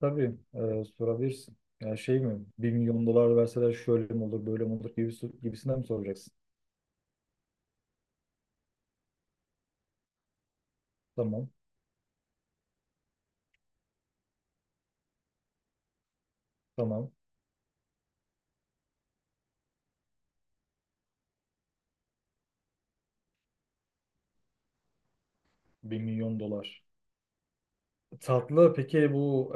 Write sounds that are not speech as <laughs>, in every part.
Tabii sorabilirsin. Ya şey mi? Bir milyon dolar verseler şöyle mi olur, böyle mi olur gibisi, gibisinden mi soracaksın? Tamam, tamam. Bir milyon dolar. Tatlı peki bu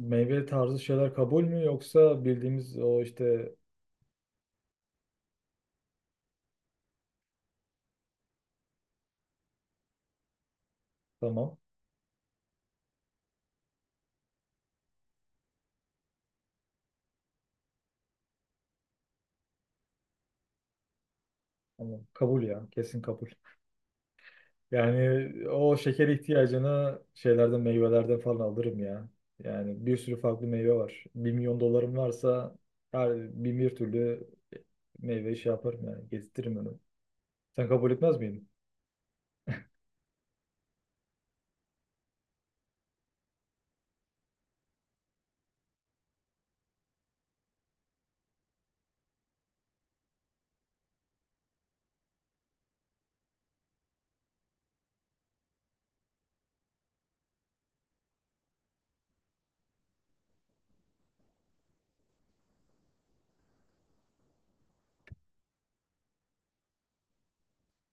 meyve tarzı şeyler kabul mü yoksa bildiğimiz o işte tamam. Tamam. Kabul ya. Kesin kabul. Yani o şeker ihtiyacını şeylerden meyvelerden falan alırım ya. Yani bir sürü farklı meyve var. Bir milyon dolarım varsa her bin bir türlü meyve şey yaparım yani gezdiririm. Sen kabul etmez miydin?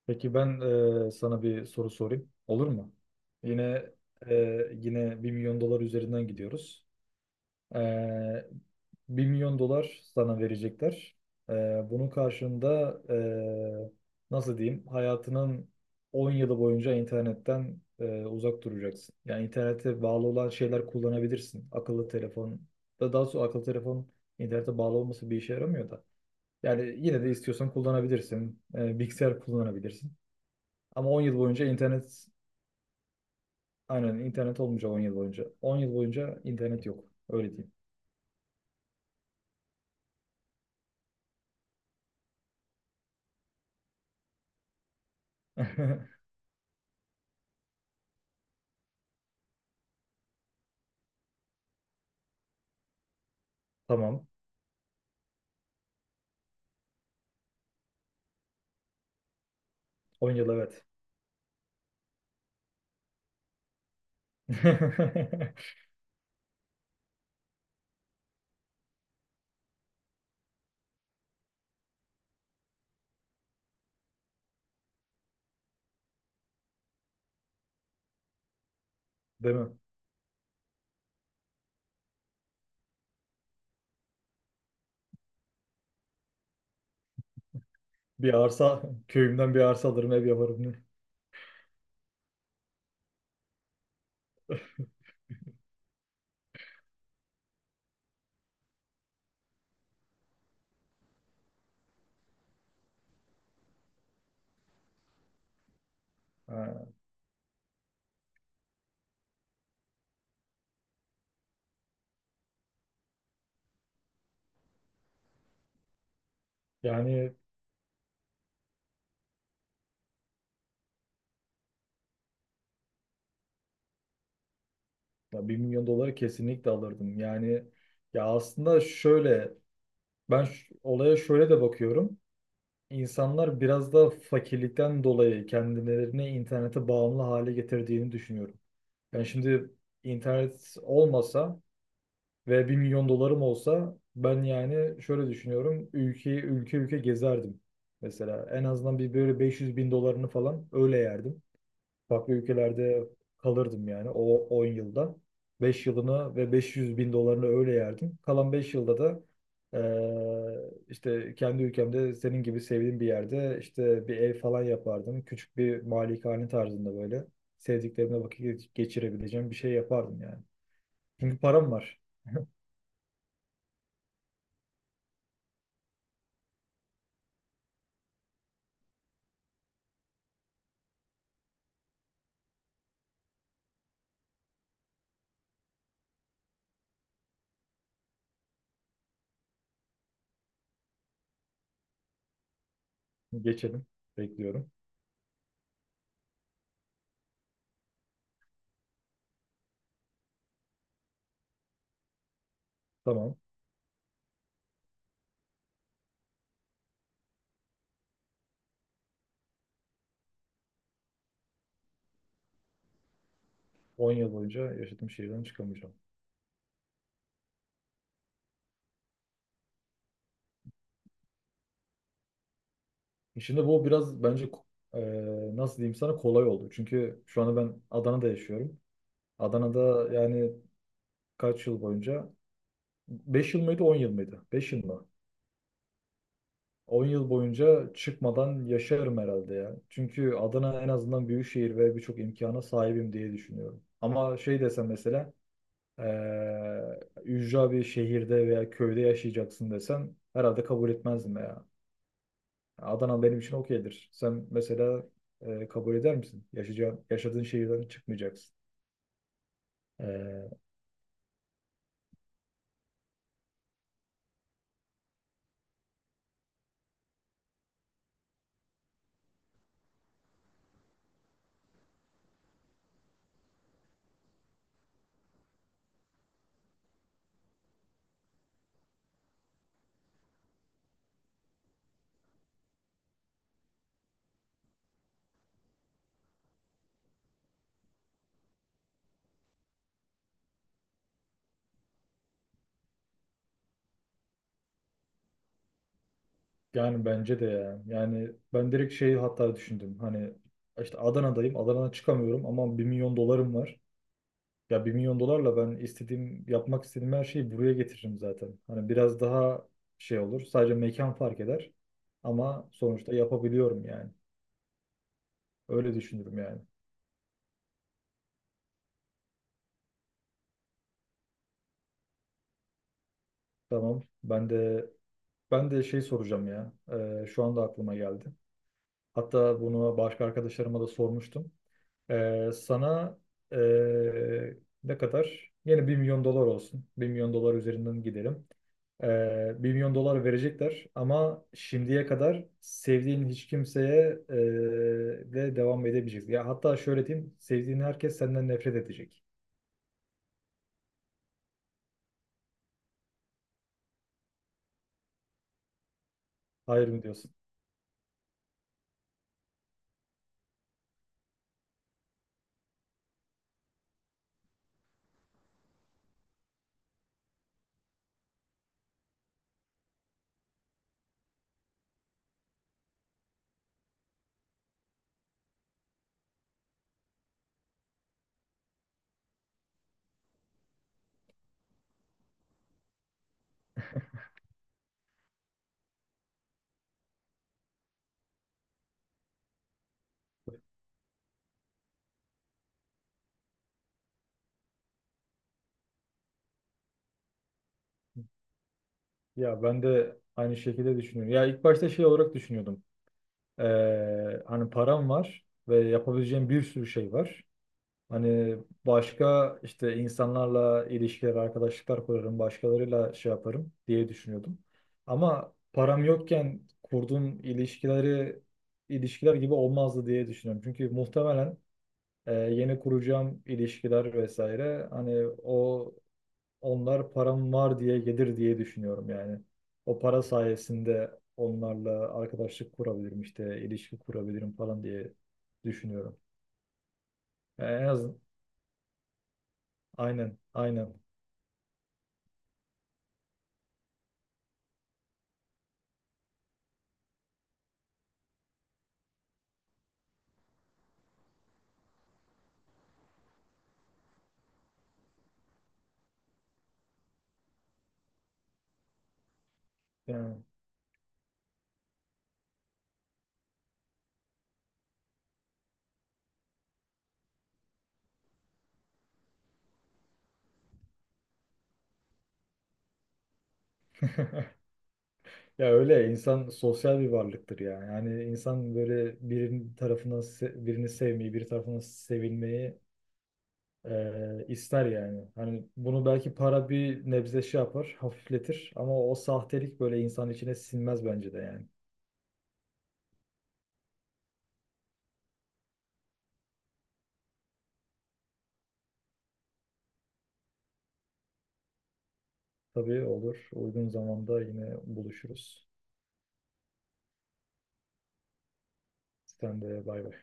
Peki ben sana bir soru sorayım. Olur mu? Yine e, yine bir milyon dolar üzerinden gidiyoruz. Ee, 1 milyon dolar sana verecekler. Bunun karşılığında nasıl diyeyim, hayatının 10 yılı boyunca internetten uzak duracaksın. Yani internete bağlı olan şeyler kullanabilirsin. Akıllı telefon da daha sonra akıllı telefon internete bağlı olması bir işe yaramıyor da. Yani yine de istiyorsan kullanabilirsin. Bilgisayar kullanabilirsin. Ama 10 yıl boyunca internet aynen internet olmayacak 10 yıl boyunca. 10 yıl boyunca internet yok. Öyle diyeyim. <laughs> Tamam. 10 yıl evet. <laughs> Değil mi? Bir arsa, köyümden bir arsa alırım, ev yaparım. Ne? Ha, yani ya 1 milyon doları kesinlikle alırdım. Yani ya aslında şöyle, ben olaya şöyle de bakıyorum. İnsanlar biraz da fakirlikten dolayı kendilerini internete bağımlı hale getirdiğini düşünüyorum. Yani şimdi internet olmasa ve bir milyon dolarım olsa ben yani şöyle düşünüyorum. Ülke ülke gezerdim. Mesela en azından bir böyle 500 bin dolarını falan öyle yerdim. Farklı ülkelerde kalırdım yani o 10 yılda. Beş yılını ve 500 bin dolarını öyle yerdim. Kalan 5 yılda da işte kendi ülkemde senin gibi sevdiğim bir yerde işte bir ev falan yapardım. Küçük bir malikane tarzında böyle sevdiklerimle vakit geçirebileceğim bir şey yapardım yani. Çünkü param var. <laughs> Geçelim. Bekliyorum. Tamam. 10 yıl boyunca yaşadığım şehirden çıkamayacağım. Şimdi bu biraz bence e, nasıl diyeyim sana kolay oldu. Çünkü şu anda ben Adana'da yaşıyorum. Adana'da yani kaç yıl boyunca? 5 yıl mıydı 10 yıl mıydı? 5 yıl mı? 10 yıl boyunca çıkmadan yaşarım herhalde ya. Çünkü Adana en azından büyük şehir ve birçok imkana sahibim diye düşünüyorum. Ama şey desem mesela ücra bir şehirde veya köyde yaşayacaksın desen herhalde kabul etmezdim ya. Adana benim için okeydir. Sen mesela kabul eder misin? Yaşayacağın, yaşadığın şehirden çıkmayacaksın. E, yani bence de ya. Yani ben direkt şeyi hatta düşündüm. Hani işte Adana'dayım. Adana'dan çıkamıyorum ama bir milyon dolarım var. Ya bir milyon dolarla ben istediğim, yapmak istediğim her şeyi buraya getiririm zaten. Hani biraz daha şey olur. Sadece mekan fark eder. Ama sonuçta yapabiliyorum yani. Öyle düşünürüm yani. Tamam. Ben de şey soracağım ya. Şu anda aklıma geldi. Hatta bunu başka arkadaşlarıma da sormuştum. Sana ee, ne kadar? Yine bir milyon dolar olsun. Bir milyon dolar üzerinden gidelim. 1 milyon dolar verecekler ama şimdiye kadar sevdiğin hiç kimseye de devam edemeyeceksin. Ya hatta şöyle diyeyim, sevdiğin herkes senden nefret edecek. Hayır mı diyorsun? Ya ben de aynı şekilde düşünüyorum. Ya ilk başta şey olarak düşünüyordum. Hani param var ve yapabileceğim bir sürü şey var. Hani başka işte insanlarla ilişkiler, arkadaşlıklar kurarım, başkalarıyla şey yaparım diye düşünüyordum. Ama param yokken kurduğum ilişkiler gibi olmazdı diye düşünüyorum. Çünkü muhtemelen yeni kuracağım ilişkiler vesaire hani onlar param var diye gelir diye düşünüyorum yani. O para sayesinde onlarla arkadaşlık kurabilirim işte ilişki kurabilirim falan diye düşünüyorum. Yani en azından aynen, aynen. Yani, ya öyle insan sosyal bir varlıktır ya. Yani insan böyle birinin tarafından birini sevmeyi, bir tarafından sevilmeyi ister yani. Hani bunu belki para bir nebze şey yapar, hafifletir ama o sahtelik böyle insan içine sinmez bence de yani. Tabii olur. Uygun zamanda yine buluşuruz. Sen de bay bay.